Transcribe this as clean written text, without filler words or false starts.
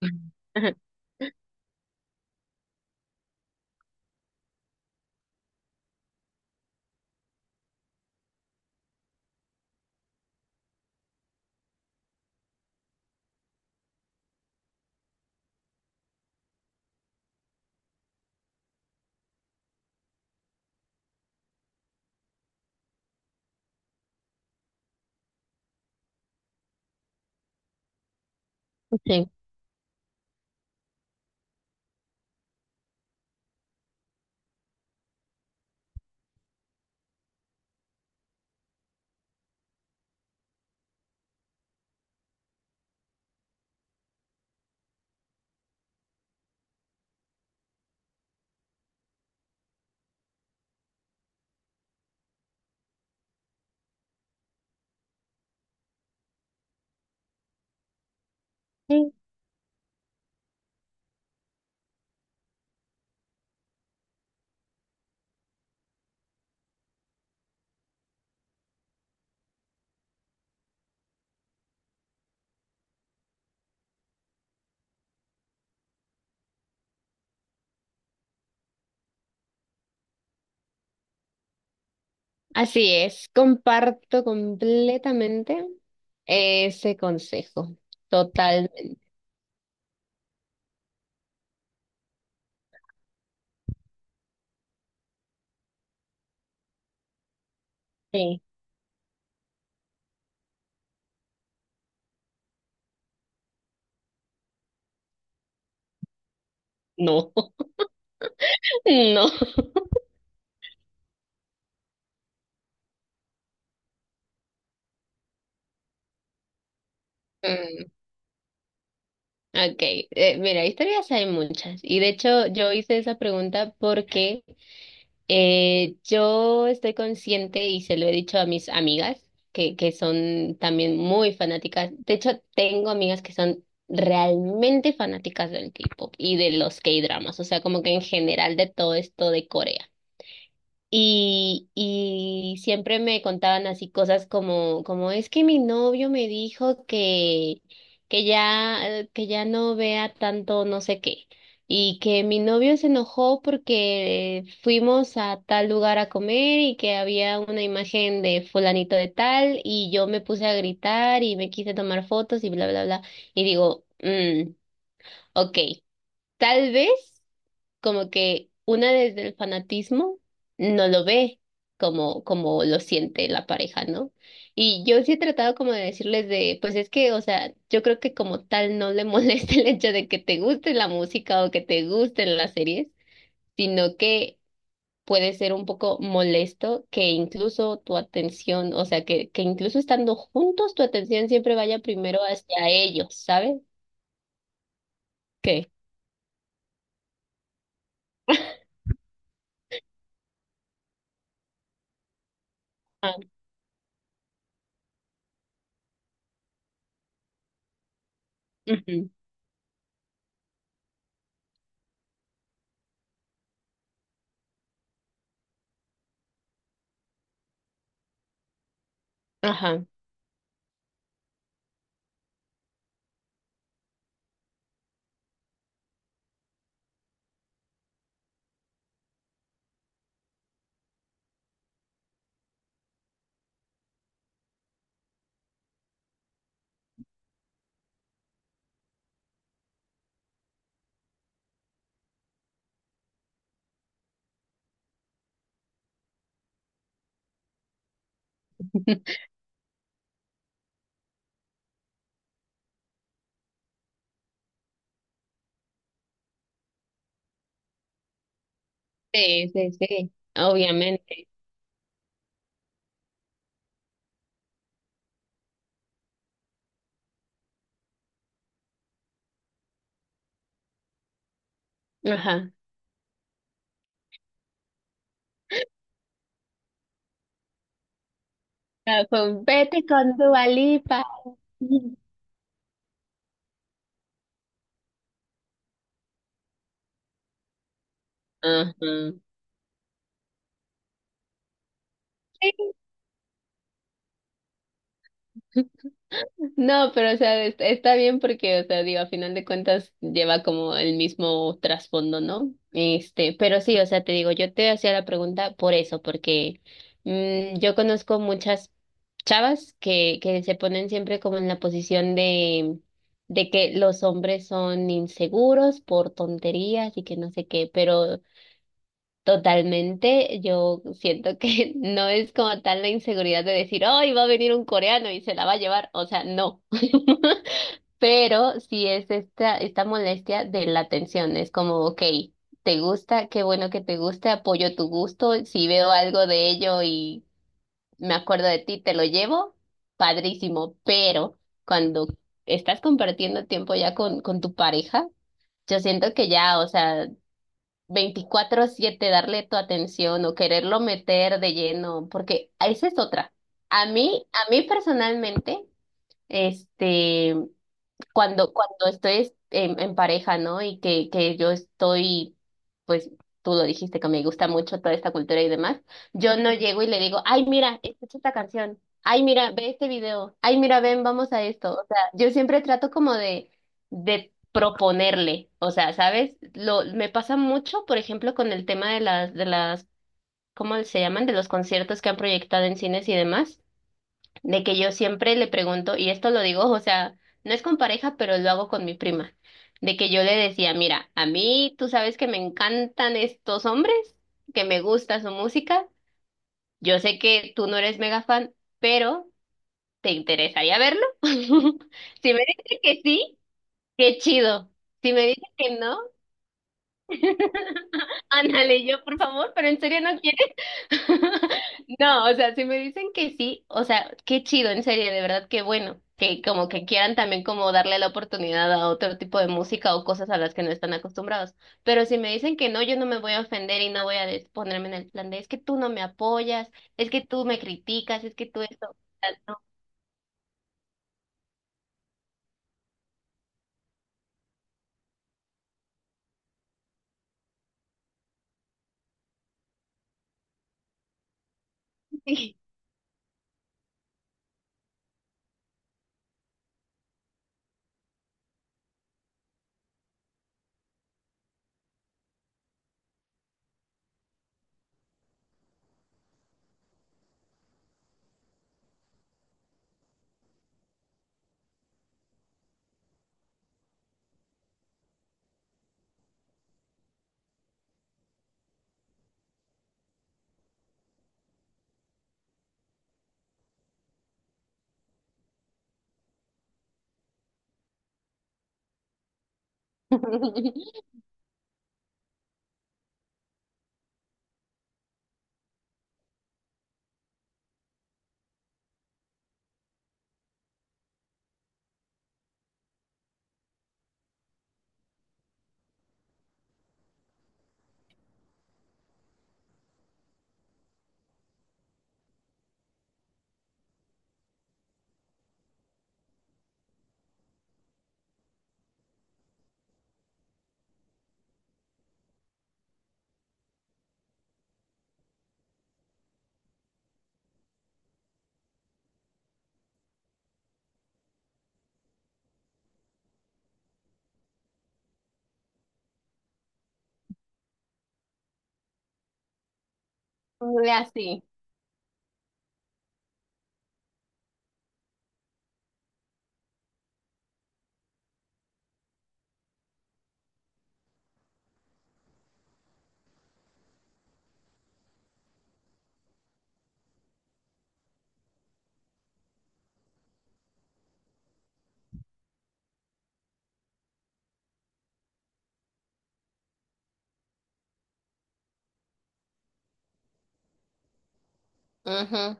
Sí, sí, así es. Comparto completamente ese consejo. Totalmente. Sí. No, no. Mm, ok, mira, historias hay muchas. Y de hecho yo hice esa pregunta porque yo estoy consciente y se lo he dicho a mis amigas, que son también muy fanáticas. De hecho, tengo amigas que son realmente fanáticas del K-pop y de los K-dramas, o sea, como que en general de todo esto de Corea. Y siempre me contaban así cosas como, como es que mi novio me dijo que ya no vea tanto no sé qué. Y que mi novio se enojó porque fuimos a tal lugar a comer y que había una imagen de fulanito de tal y yo me puse a gritar y me quise tomar fotos y bla, bla, bla. Y digo, mm, ok, tal vez como que una desde el fanatismo no lo ve como, como lo siente la pareja, ¿no? Y yo sí he tratado como de decirles de, pues es que, o sea, yo creo que como tal no le molesta el hecho de que te guste la música o que te gusten las series, sino que puede ser un poco molesto que incluso tu atención, o sea, que incluso estando juntos, tu atención siempre vaya primero hacia ellos, ¿sabes? ¿Qué? Ah, ujú. Ajá. Sí, sí, sí, obviamente. Ajá. Ah, fue un vete con Dua Lipa. Ajá. No, pero o sea, es- está bien porque, o sea, digo, a final de cuentas lleva como el mismo trasfondo, ¿no? Este, pero sí, o sea, te digo, yo te hacía la pregunta por eso, porque mm, yo conozco muchas chavas que se ponen siempre como en la posición de que los hombres son inseguros por tonterías y que no sé qué, pero totalmente, yo siento que no es como tal la inseguridad de decir, ¡ay, va a venir un coreano y se la va a llevar! O sea, no. Pero sí es esta, esta molestia de la atención, es como, ok, te gusta, qué bueno que te guste, apoyo tu gusto, si veo algo de ello y me acuerdo de ti, te lo llevo, padrísimo, pero cuando estás compartiendo tiempo ya con tu pareja, yo siento que ya, o sea, 24/7 darle tu atención o quererlo meter de lleno, porque esa es otra. A mí personalmente, este, cuando, cuando estoy en pareja, ¿no? Y que yo estoy, pues tú lo dijiste, que me gusta mucho toda esta cultura y demás, yo no llego y le digo, ay, mira, escucha esta canción, ay, mira, ve este video, ay, mira, ven, vamos a esto. O sea, yo siempre trato como de proponerle, o sea, ¿sabes? Lo, me pasa mucho, por ejemplo, con el tema de las, ¿cómo se llaman? De los conciertos que han proyectado en cines y demás de que yo siempre le pregunto, y esto lo digo, o sea, no es con pareja, pero lo hago con mi prima, de que yo le decía, mira, a mí tú sabes que me encantan estos hombres, que me gusta su música, yo sé que tú no eres mega fan, pero ¿te interesaría verlo? Si me dice que sí, qué chido. Si me dice que no, ándale, yo por favor, pero en serio no quiero. No, o sea, si me dicen que sí, o sea, qué chido, en serio, de verdad, qué bueno, que como que quieran también como darle la oportunidad a otro tipo de música o cosas a las que no están acostumbrados. Pero si me dicen que no, yo no me voy a ofender y no voy a des- ponerme en el plan de, es que tú no me apoyas, es que tú me criticas, es que tú esto, o sea, no, sí. Así. Ujú.